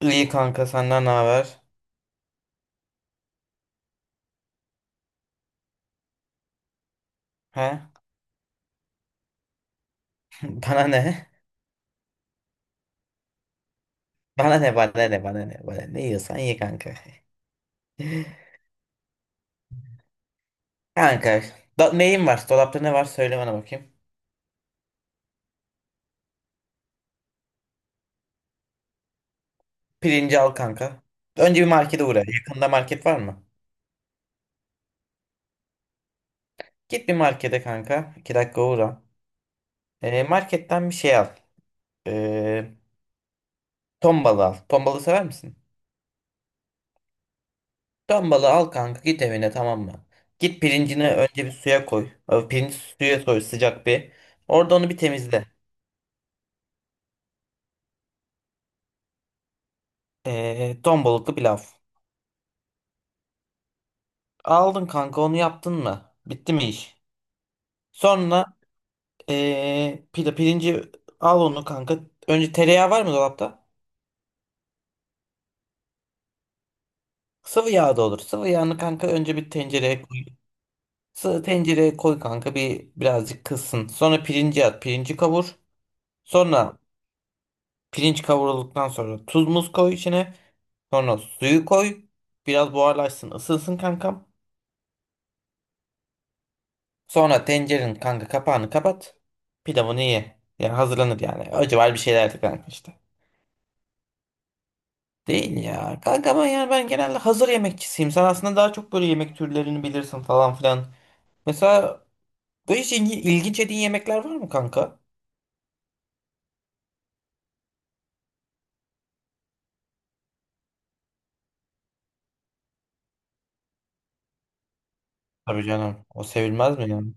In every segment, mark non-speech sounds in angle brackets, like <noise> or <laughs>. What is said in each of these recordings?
İyi kanka senden ne haber? Ha? <laughs> Bana ne? Bana ne bana ne bana ne bana ne yiyorsan ye kanka. <laughs> Kanka da, neyin var? Dolapta ne var? Söyle bana bakayım. Pirinci al kanka. Önce bir markete uğra. Yakında market var mı? Git bir markete kanka. 2 dakika uğra. Marketten bir şey al. Ee, Ton balığı al. Ton balığı sever misin? Ton balığı al kanka, git evine, tamam mı? Git pirincini önce bir suya koy. Pirinci suya koy sıcak bir. Orada onu bir temizle. Ton balıklı pilav. Aldın kanka onu, yaptın mı? Bitti mi iş? Sonra pirinci al onu kanka. Önce tereyağı var mı dolapta? Sıvı yağ da olur. Sıvı yağını kanka önce bir tencereye koy. Sıvı tencereye koy kanka, bir birazcık kızsın. Sonra pirinci at. Pirinci kavur. Sonra pirinç kavrulduktan sonra tuz muz koy içine. Sonra suyu koy. Biraz buharlaşsın, ısınsın kankam. Sonra tencerenin kanka kapağını kapat. Pilavını ye. Yani hazırlanır yani. Acı var bir şeyler de kanka işte. Değil ya. Kanka ama yani ben genelde hazır yemekçisiyim. Sen aslında daha çok böyle yemek türlerini bilirsin falan filan. Mesela böyle hiç ilginç yediğin yemekler var mı kanka? Tabii canım. O sevilmez mi yani?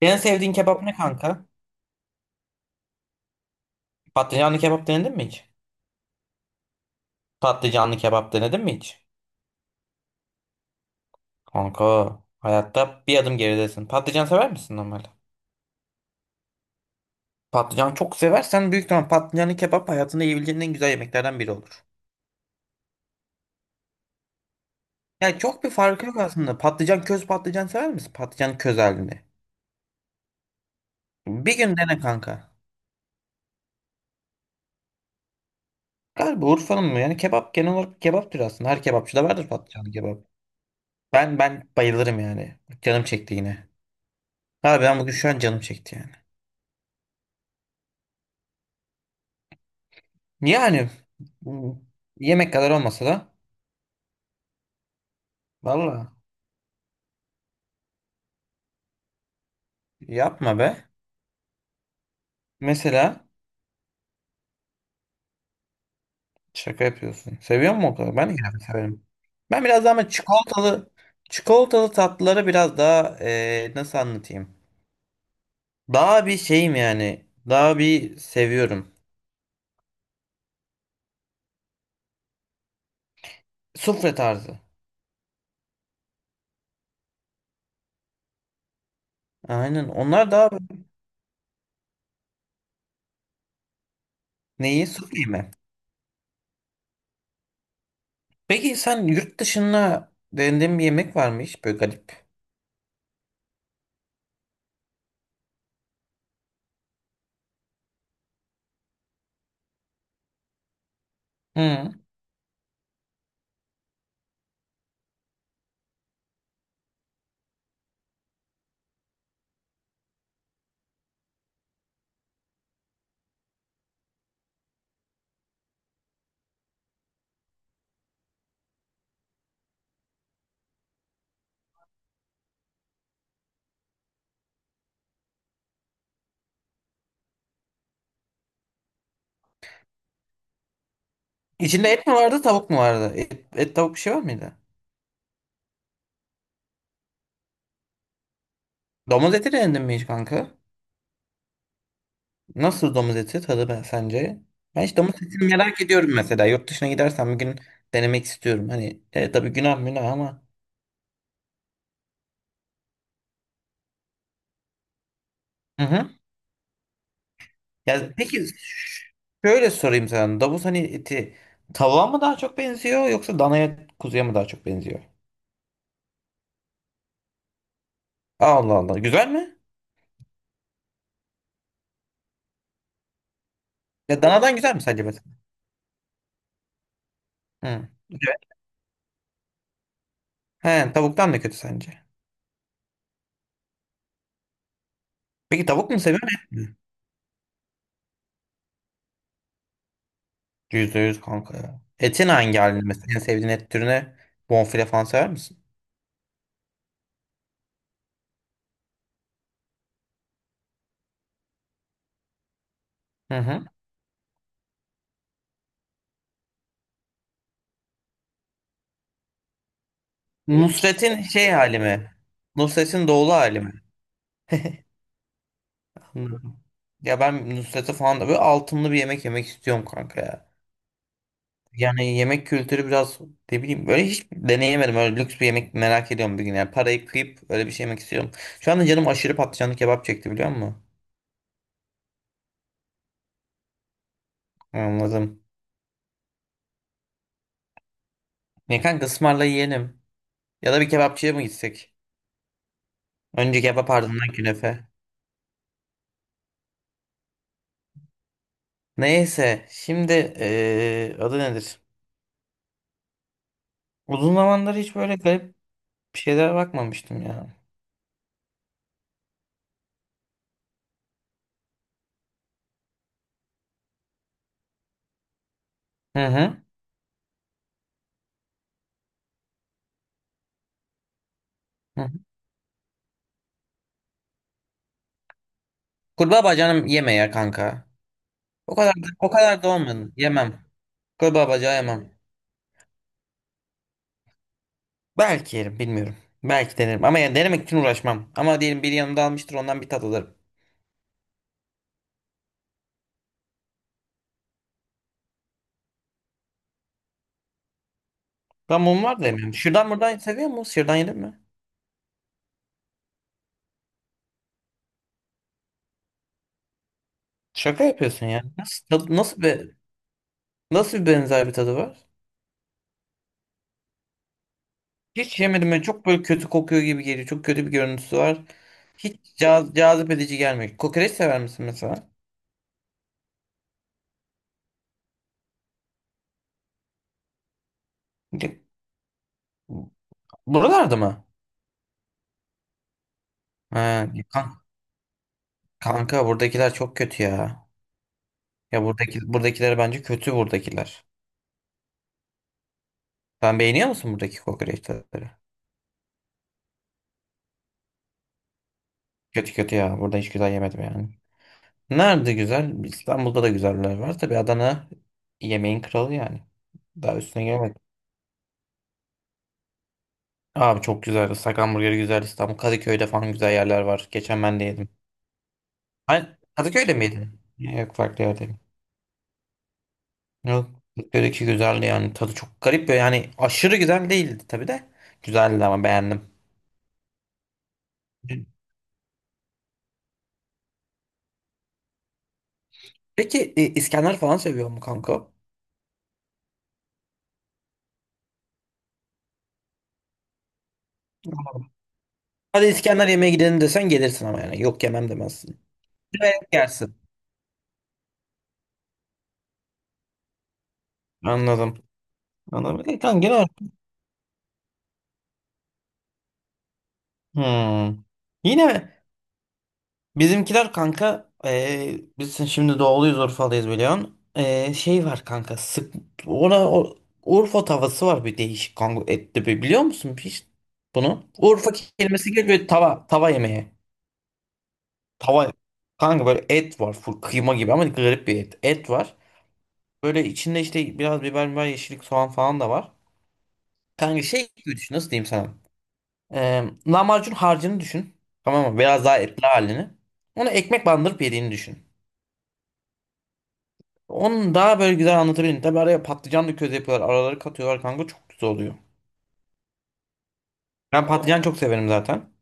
En sevdiğin kebap ne kanka? Patlıcanlı kebap denedin mi hiç? Patlıcanlı kebap denedin mi hiç? Kanka hayatta bir adım geridesin. Patlıcan sever misin normalde? Patlıcan çok seversen büyük ihtimal patlıcanlı kebap hayatında yiyebileceğin en güzel yemeklerden biri olur. Yani çok bir farkı yok aslında. Patlıcan köz, patlıcan sever misin? Patlıcan köz halinde. Bir gün dene kanka. Galiba Urfa'nın mı? Yani kebap genel olarak kebaptır aslında. Her kebapçıda vardır patlıcanlı kebap. Ben bayılırım yani. Canım çekti yine. Abi ben bugün şu an canım çekti yani. Yani bu yemek kadar olmasa da, valla yapma be. Mesela şaka yapıyorsun. Seviyor musun o kadar? Ben de yine severim. Ben biraz daha ama çikolatalı tatlıları biraz daha nasıl anlatayım? Daha bir şeyim yani. Daha bir seviyorum. Sufle tarzı. Aynen. Onlar daha neyi? Sufle mi? Peki sen yurt dışında denediğin bir yemek var mı hiç böyle garip? Hı. İçinde et mi vardı, tavuk mu vardı? Et, et, tavuk bir şey var mıydı? Domuz eti denedin mi hiç kanka? Nasıl domuz eti tadı ben sence? Ben hiç domuz etini merak ediyorum mesela. Yurt dışına gidersem bir gün denemek istiyorum. Hani tabii günah münah ama. Hı hı. Ya peki ş- Şöyle sorayım sana. Domuz hani eti, tavuğa mı daha çok benziyor yoksa danaya, kuzuya mı daha çok benziyor? Allah Allah. Güzel mi? Ya danadan güzel mi sence mesela? Hı. Güzel. He, tavuktan da kötü sence. Peki tavuk mu seviyorsun? %100 kanka ya. Etin hangi halini mesela? En sevdiğin et türüne bonfile falan sever misin? Hı hı. Nusret'in şey hali mi? Nusret'in doğulu hali mi? Anladım. Ya ben Nusret'e falan da böyle altınlı bir yemek yemek istiyorum kanka ya. Yani yemek kültürü biraz, ne bileyim, böyle hiç deneyemedim. Öyle lüks bir yemek merak ediyorum bir gün. Yani parayı kıyıp öyle bir şey yemek istiyorum. Şu anda canım aşırı patlıcanlı kebap çekti biliyor musun? Anladım. Ne kanka, ısmarla yiyelim. Ya da bir kebapçıya mı gitsek? Önce kebap, ardından künefe. Neyse şimdi adı nedir? Uzun zamandır hiç böyle garip bir şeylere bakmamıştım ya. Hı hı. Hı hı. Kurbağa bacağını yeme ya kanka. O kadar da, o kadar da olmadı. Yemem. Kurbağa bacağı yemem. Belki yerim bilmiyorum. Belki denerim. Ama yani denemek için uğraşmam. Ama diyelim biri yanımda almıştır, ondan bir tat alırım. Ben mum var da yemiyorum. Şuradan buradan seviyor musun? Şuradan yedin mi? Şaka yapıyorsun ya. Nasıl bir, nasıl bir benzer bir tadı var? Hiç yemedim. Böyle çok böyle kötü kokuyor gibi geliyor. Çok kötü bir görüntüsü var. Hiç cazip edici gelmiyor. Kokoreç sever misin mesela? Buralarda mı? Ha, kanka buradakiler çok kötü ya. Buradakiler bence kötü, buradakiler. Sen beğeniyor musun buradaki kokoreçleri? Kötü kötü ya. Burada hiç güzel yemedim yani. Nerede güzel? İstanbul'da da güzeller var. Tabii Adana yemeğin kralı yani. Daha üstüne gelemedim. Abi çok güzeldi. Islak hamburgeri güzel. İstanbul Kadıköy'de falan güzel yerler var. Geçen ben de yedim. Ay, Kadıköy'de miydin? Yok, farklı yerdeyim. Yok. Kadıköy'deki güzeldi yani. Tadı çok garip böyle. Yani aşırı güzel değildi tabii de. Güzeldi ama beğendim. Peki İskender falan seviyor mu kanka? Hadi İskender yemeğe gidelim desen gelirsin ama yani. Yok yemem demezsin. Severek yersin. Anladım. Anladım. Kanka genel olarak- Hmm. Yine bizimkiler kanka, biz şimdi doğuluyuz, Urfalıyız biliyorsun. E, şey var kanka sık, ona o, Urfa tavası var bir değişik kanka, etli bir, biliyor musun hiç bunu? Urfa kelimesi geliyor, böyle tava, tava yemeği. Tava. Kanka böyle et var, full kıyma gibi ama garip bir et. Et var. Böyle içinde işte biraz biber, yeşillik, soğan falan da var. Kanka şey gibi düşün. Nasıl diyeyim sana? Lahmacun harcını düşün. Tamam mı? Biraz daha etli halini. Onu ekmek bandırıp yediğini düşün. Onu daha böyle güzel anlatabilirim. Tabii araya patlıcan da köz yapıyorlar. Araları katıyorlar kanka. Çok güzel oluyor. Ben patlıcan çok severim zaten.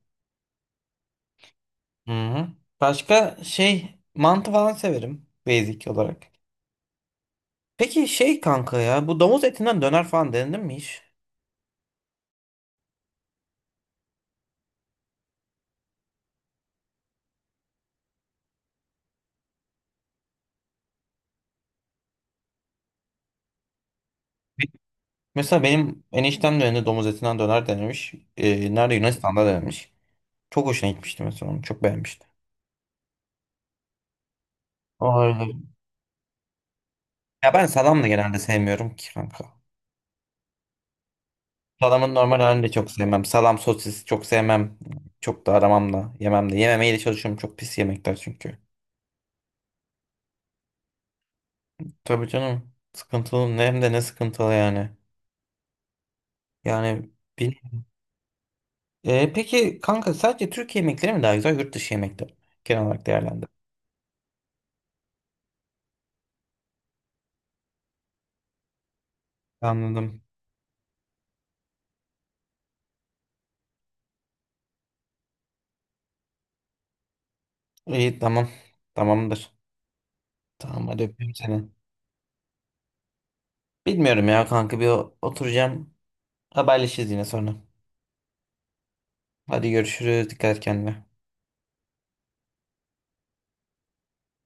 Hı hı. Başka şey, mantı falan severim. Basic olarak. Peki şey kanka ya. Bu domuz etinden döner falan denedin mi hiç? Mesela benim eniştem de önünde domuz etinden döner denemiş. Nerede, Yunanistan'da denemiş. Çok hoşuna gitmişti mesela onu. Çok beğenmişti. O öyle. Ya ben salam da genelde sevmiyorum ki kanka. Salamın normal halini de çok sevmem. Salam sosis çok sevmem. Çok da aramam da yemem de. Yememeye de çalışıyorum. Çok pis yemekler çünkü. Tabii canım. Sıkıntılı. Ne hem de ne sıkıntılı yani. Yani bil. Peki kanka, sadece Türkiye yemekleri mi daha güzel, yurt dışı yemekleri mi? Genel olarak değerlendir. Anladım. İyi, tamam. Tamamdır. Tamam, hadi öpüyorum seni. Bilmiyorum ya kanka, bir oturacağım. Haberleşiriz yine sonra. Hadi görüşürüz. Dikkat et kendine.